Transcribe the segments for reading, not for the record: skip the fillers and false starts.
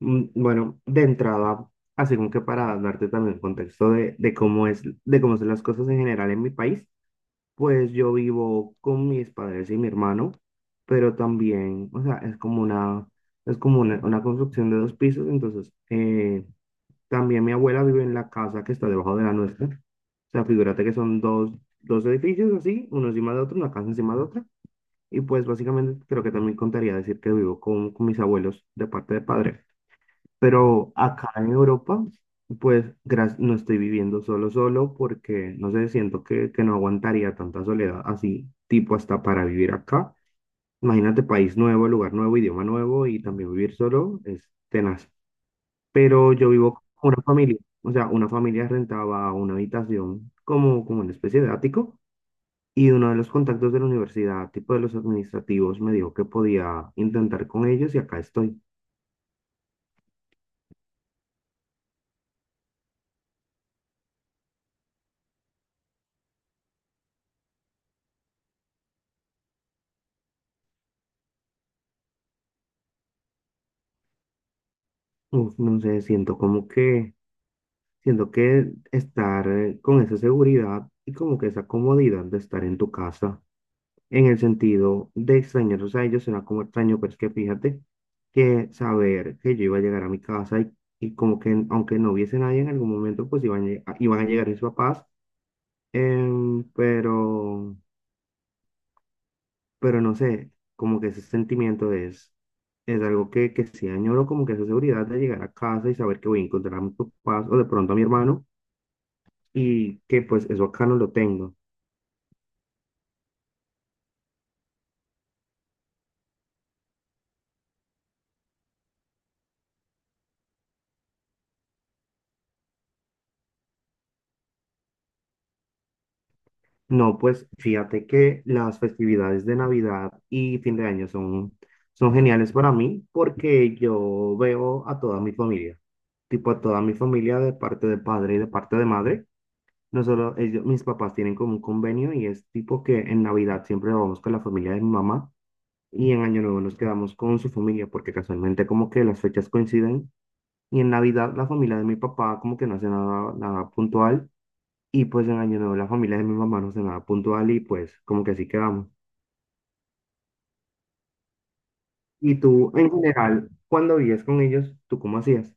Bueno, de entrada, así como que para darte también el contexto de cómo es, de cómo son las cosas en general en mi país, pues yo vivo con mis padres y mi hermano, pero también, o sea, es como una construcción de dos pisos, entonces, también mi abuela vive en la casa que está debajo de la nuestra, o sea, figúrate que son dos edificios así, uno encima de otro, una casa encima de otra, y pues básicamente creo que también contaría decir que vivo con mis abuelos de parte de padre. Pero acá en Europa, pues no estoy viviendo solo, solo porque, no sé, siento que no aguantaría tanta soledad así, tipo hasta para vivir acá. Imagínate, país nuevo, lugar nuevo, idioma nuevo y también vivir solo es tenaz. Pero yo vivo con una familia, o sea, una familia rentaba una habitación como una especie de ático, y uno de los contactos de la universidad, tipo de los administrativos, me dijo que podía intentar con ellos y acá estoy. Uf, no sé, siento como que siento que estar con esa seguridad y como que esa comodidad de estar en tu casa, en el sentido de extrañarlos a ellos, será como extraño, pero es que fíjate que saber que yo iba a llegar a mi casa y como que aunque no hubiese nadie en algún momento, pues iban a llegar mis papás, em, pero, pero no sé, como que ese sentimiento es algo que sí añoro, como que esa seguridad de llegar a casa y saber que voy a encontrar a mis papás o de pronto a mi hermano y que pues eso acá no lo tengo. No, pues fíjate que las festividades de Navidad y fin de año son geniales para mí porque yo veo a toda mi familia, tipo a toda mi familia de parte de padre y de parte de madre. No solo ellos, mis papás tienen como un convenio y es tipo que en Navidad siempre vamos con la familia de mi mamá y en Año Nuevo nos quedamos con su familia porque casualmente como que las fechas coinciden y en Navidad la familia de mi papá como que no hace nada, nada puntual. Y pues en Año Nuevo la familia de mi mamá nos cenaba puntual y pues como que así quedamos. Y tú, en general, cuando vivías con ellos, ¿tú cómo hacías?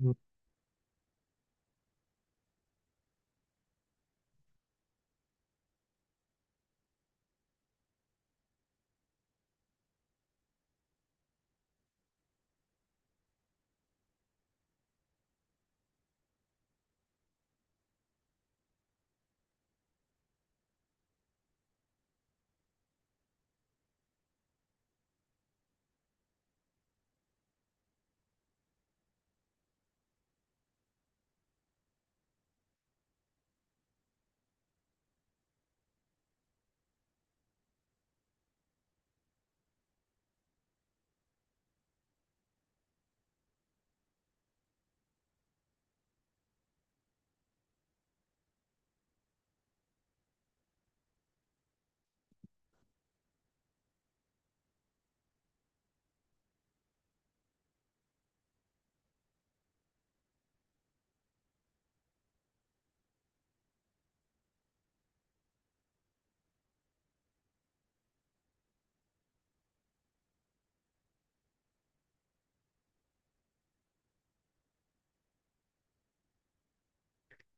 Mm,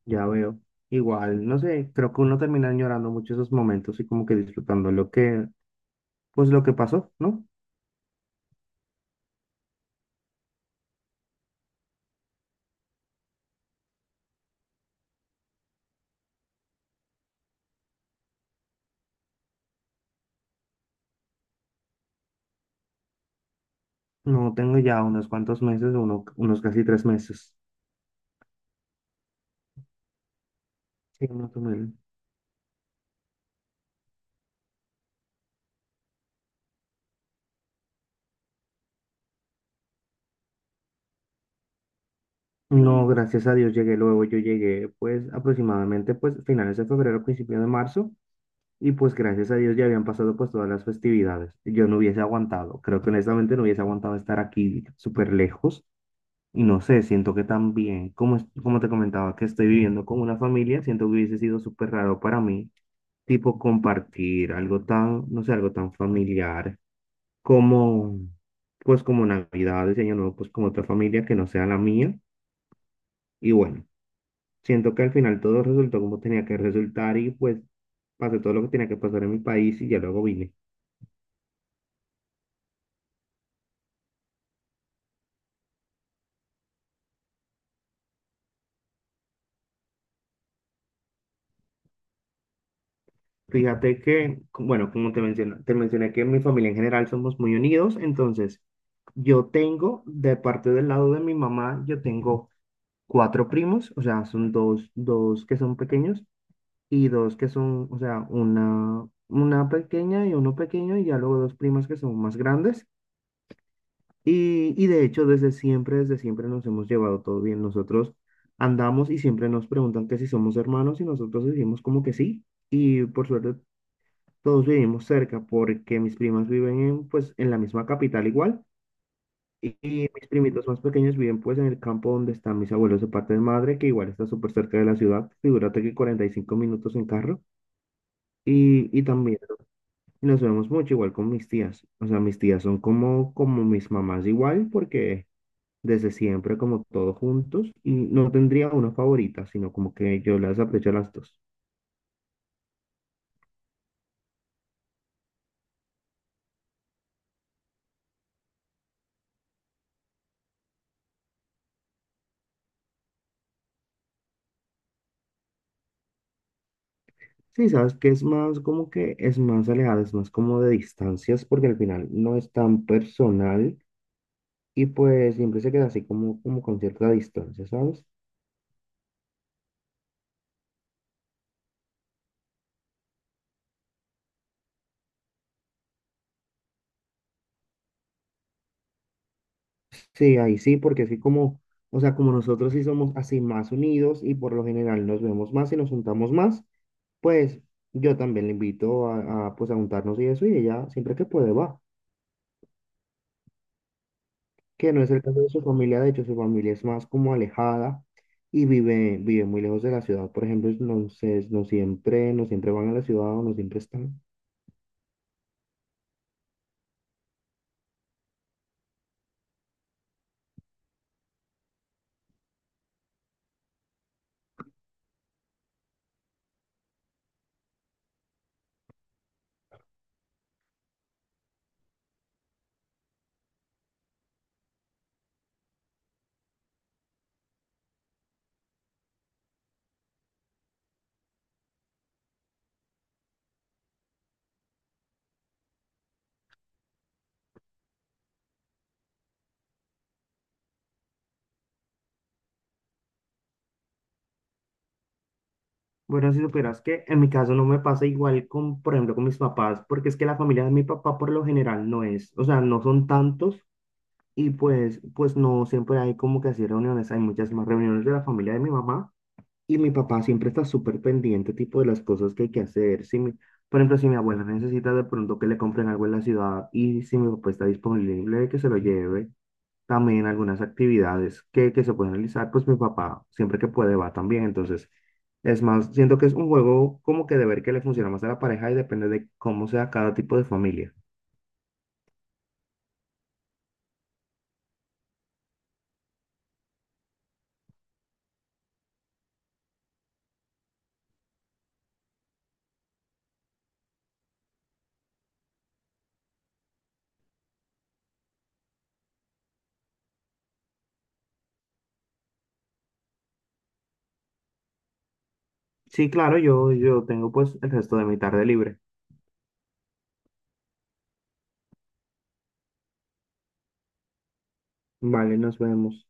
ya veo. Igual, no sé, creo que uno termina añorando mucho esos momentos y como que disfrutando lo que, pues lo que pasó, ¿no? No tengo ya unos cuantos meses, uno, unos casi tres meses. Sí, más o menos. No, gracias a Dios llegué luego, yo llegué pues aproximadamente pues finales de febrero, principio de marzo. Y pues gracias a Dios ya habían pasado pues todas las festividades. Yo no hubiese aguantado, creo que honestamente no hubiese aguantado estar aquí súper lejos. Y no sé, siento que también, como, como te comentaba, que estoy viviendo con una familia, siento que hubiese sido súper raro para mí, tipo compartir algo tan, no sé, algo tan familiar como, pues como Navidades, Año Nuevo, pues con otra familia que no sea la mía. Y bueno, siento que al final todo resultó como tenía que resultar y pues pasé todo lo que tenía que pasar en mi país y ya luego vine. Fíjate que, bueno, como te mencioné que en mi familia en general somos muy unidos, entonces yo tengo, de parte del lado de mi mamá, yo tengo cuatro primos, o sea, son dos que son pequeños y dos que son, o sea, una pequeña y uno pequeño y ya luego dos primas que son más grandes. Y de hecho, desde siempre nos hemos llevado todo bien. Nosotros andamos y siempre nos preguntan que si somos hermanos y nosotros decimos como que sí. Y por suerte todos vivimos cerca porque mis primas viven en, pues, en la misma capital igual y mis primitos más pequeños viven pues en el campo donde están mis abuelos de parte de madre, que igual está súper cerca de la ciudad, figúrate que 45 minutos en carro y también nos vemos mucho igual con mis tías, o sea, mis tías son como mis mamás igual porque desde siempre como todos juntos y no tendría una favorita, sino como que yo las aprecio a las dos. Sí, sabes que es más como que es más alejado, es más como de distancias, porque al final no es tan personal y pues siempre se queda así como con cierta distancia, ¿sabes? Sí, ahí sí, porque así como, o sea, como nosotros sí somos así más unidos y por lo general nos vemos más y nos juntamos más, pues yo también le invito pues a juntarnos y eso y ella siempre que puede va. Que no es el caso de su familia, de hecho su familia es más como alejada y vive, vive muy lejos de la ciudad, por ejemplo, entonces no siempre, no siempre van a la ciudad o no siempre están. Bueno, si supieras que en mi caso no me pasa igual con, por ejemplo, con mis papás, porque es que la familia de mi papá por lo general no es, o sea, no son tantos y pues no siempre hay como que así reuniones, hay muchas más reuniones de la familia de mi mamá. Y mi papá siempre está súper pendiente, tipo, de las cosas que hay que hacer. Por ejemplo, si mi abuela necesita de pronto que le compren algo en la ciudad y si mi papá está disponible, que se lo lleve. También algunas actividades que se pueden realizar, pues mi papá siempre que puede va también. Entonces, es más, siento que es un juego como que de ver que le funciona más a la pareja y depende de cómo sea cada tipo de familia. Sí, claro, yo tengo pues el resto de mi tarde libre. Vale, nos vemos.